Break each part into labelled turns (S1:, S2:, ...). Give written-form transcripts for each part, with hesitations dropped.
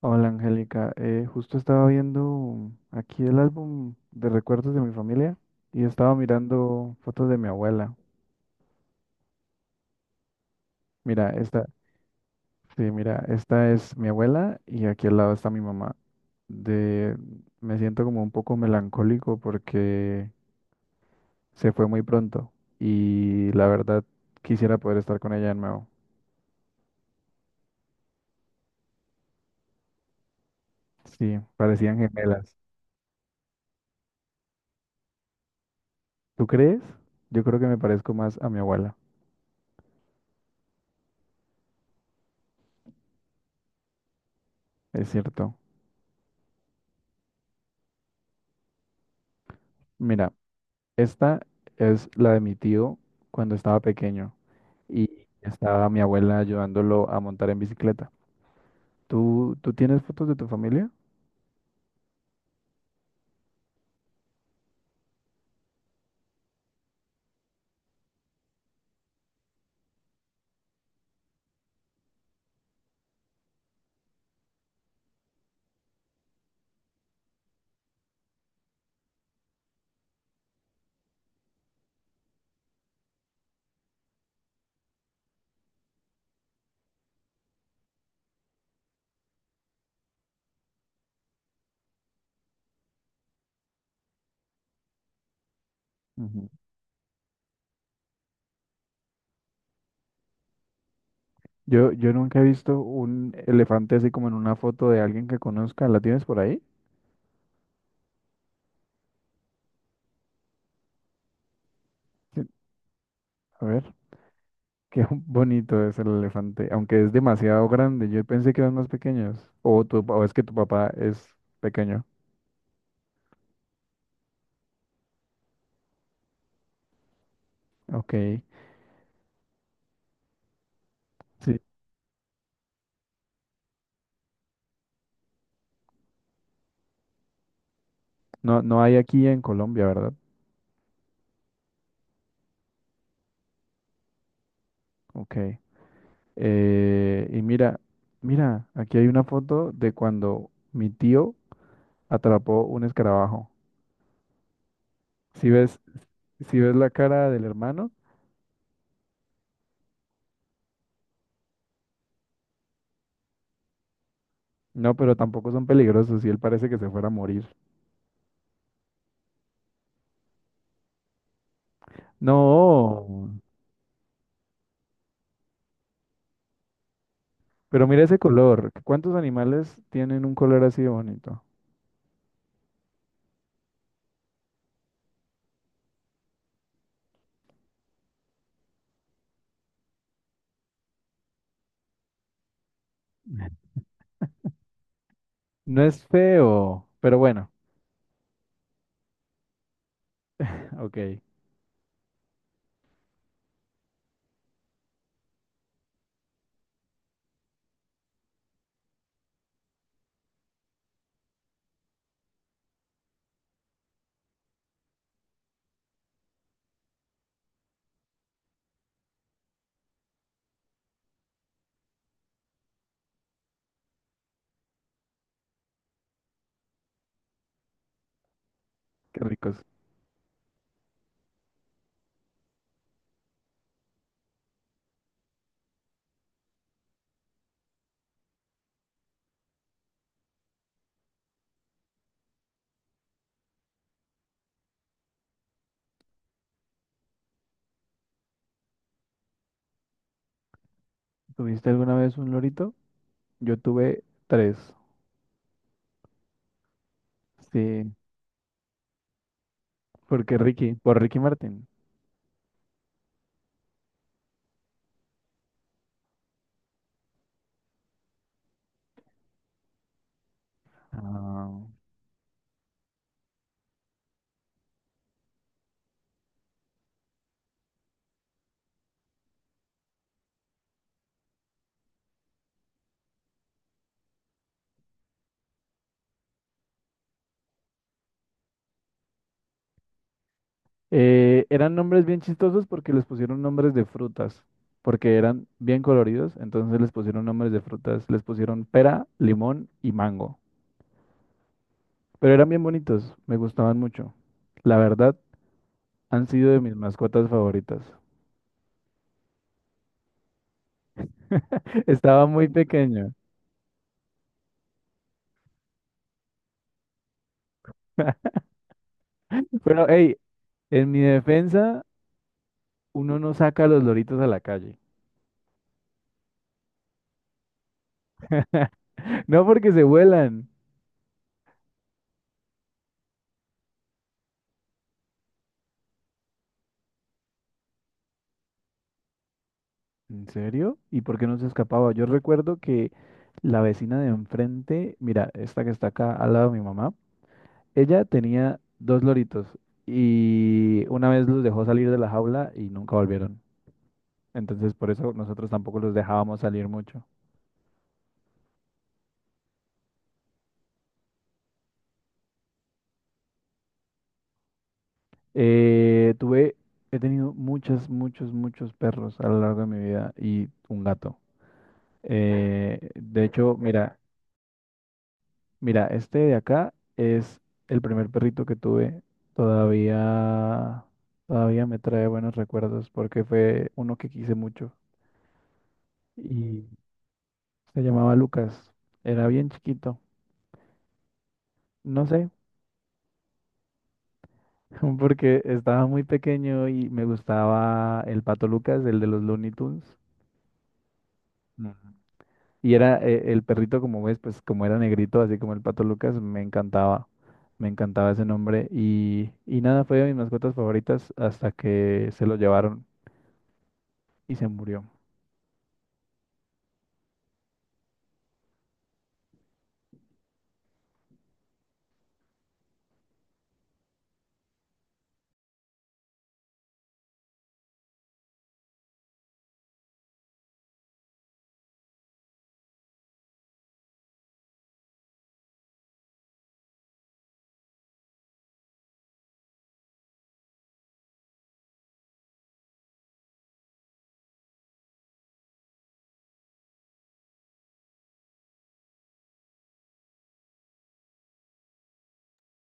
S1: Hola Angélica. Justo estaba viendo aquí el álbum de recuerdos de mi familia y estaba mirando fotos de mi abuela. Mira, esta, sí, mira, esta es mi abuela y aquí al lado está mi mamá. De, Me siento como un poco melancólico porque se fue muy pronto y la verdad quisiera poder estar con ella de nuevo. Sí, parecían gemelas. ¿Tú crees? Yo creo que me parezco más a mi abuela, es cierto. Mira. Esta es la de mi tío cuando estaba pequeño y estaba mi abuela ayudándolo a montar en bicicleta. ¿Tú tienes fotos de tu familia? Ujú. Yo nunca he visto un elefante así como en una foto de alguien que conozca. ¿La tienes por ahí? Sí. A ver, qué bonito es el elefante, aunque es demasiado grande. Yo pensé que eran más pequeños. O, tu, o es que tu papá es pequeño. Ok, sí. No, no hay aquí en Colombia, ¿verdad? Ok. Y mira, mira, aquí hay una foto de cuando mi tío atrapó un escarabajo. Si ves, si ves la cara del hermano, no, pero tampoco son peligrosos y él parece que se fuera a morir. No, pero mira ese color. ¿Cuántos animales tienen un color así de bonito? No es feo, pero bueno, ok, qué ricos. ¿Tuviste alguna vez un lorito? Yo tuve tres. Sí, porque Ricky, por Ricky Martin. Ah. Eran nombres bien chistosos porque les pusieron nombres de frutas, porque eran bien coloridos, entonces les pusieron nombres de frutas, les pusieron pera, limón y mango. Pero eran bien bonitos, me gustaban mucho. La verdad, han sido de mis mascotas favoritas. Estaba muy pequeño. Pero, hey, en mi defensa, uno no saca los loritos a la calle. No porque se vuelan. ¿En serio? ¿Y por qué no se escapaba? Yo recuerdo que la vecina de enfrente, mira, esta que está acá al lado de mi mamá, ella tenía dos loritos y una vez los dejó salir de la jaula y nunca volvieron. Entonces por eso nosotros tampoco los dejábamos salir mucho. Eh, tuve, He tenido muchos perros a lo largo de mi vida y un gato. De hecho, mira, mira, este de acá es el primer perrito que tuve. Todavía, todavía me trae buenos recuerdos porque fue uno que quise mucho y se llamaba Lucas. Era bien chiquito. No sé, porque estaba muy pequeño y me gustaba el Pato Lucas, el de los Looney Tunes. Ujú. Y era el perrito, como ves, pues como era negrito, así como el Pato Lucas, me encantaba. Me encantaba ese nombre. Y nada, fue de mis mascotas favoritas hasta que se lo llevaron y se murió.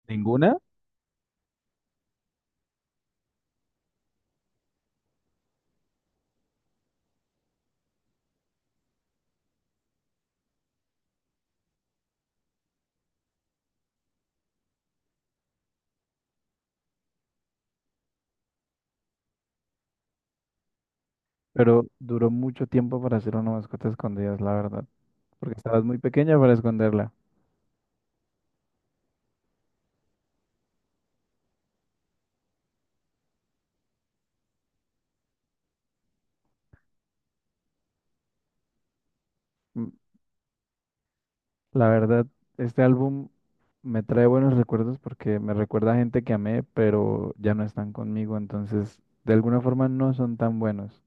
S1: ¿Ninguna? Pero duró mucho tiempo para hacer una mascota escondida, es la verdad, porque estabas muy pequeña para esconderla. Mm, La verdad, este álbum me trae buenos recuerdos porque me recuerda a gente que amé, pero ya no están conmigo, entonces de alguna forma no son tan buenos.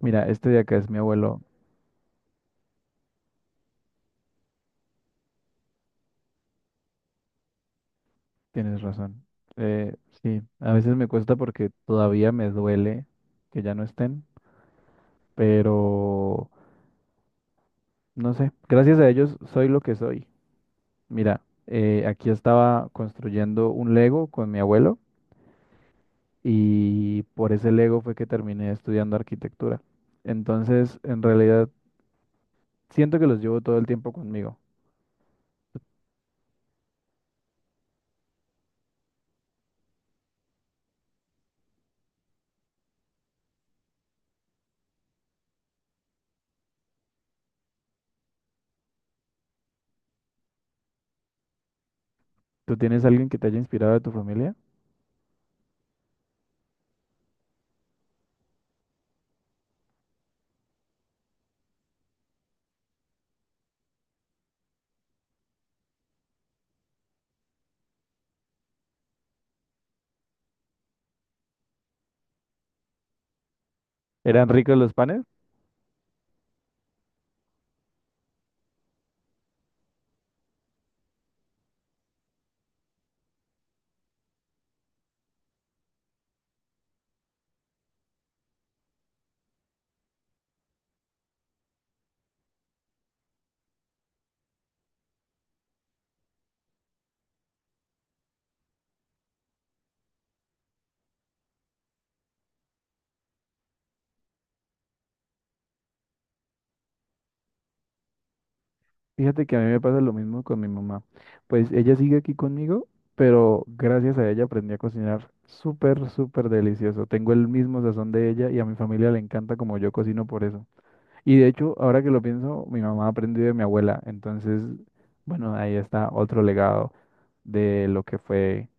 S1: Mira, este de acá es mi abuelo, tienes razón. Eh, sí, a veces me cuesta porque todavía me duele que ya no estén, pero no sé, gracias a ellos soy lo que soy. Mira, aquí estaba construyendo un Lego con mi abuelo. Y por ese Lego fue que terminé estudiando arquitectura. Entonces, en realidad, siento que los llevo todo el tiempo conmigo. ¿Tú tienes alguien que te haya inspirado de tu familia? ¿Eran ricos los panes? Fíjate que a mí me pasa lo mismo con mi mamá. Pues ella sigue aquí conmigo, pero gracias a ella aprendí a cocinar súper, súper delicioso. Tengo el mismo sazón de ella y a mi familia le encanta como yo cocino por eso. Y de hecho, ahora que lo pienso, mi mamá aprendió de mi abuela. Entonces, bueno, ahí está otro legado de lo que fue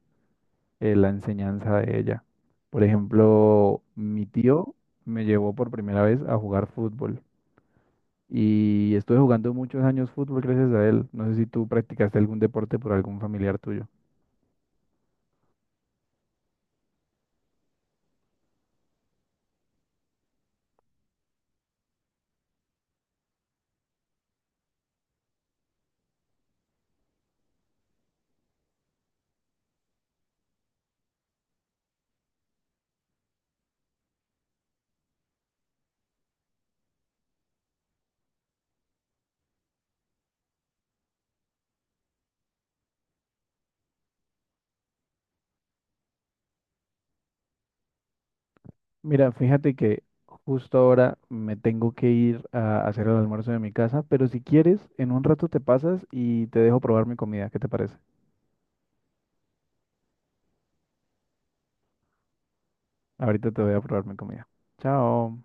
S1: la enseñanza de ella. Por ejemplo, mi tío me llevó por primera vez a jugar fútbol y estuve jugando muchos años fútbol gracias a él. No sé si tú practicaste algún deporte por algún familiar tuyo. Mira, fíjate que justo ahora me tengo que ir a hacer el almuerzo de mi casa, pero si quieres, en un rato te pasas y te dejo probar mi comida. ¿Qué te parece? Ahorita te voy a probar mi comida. Chao.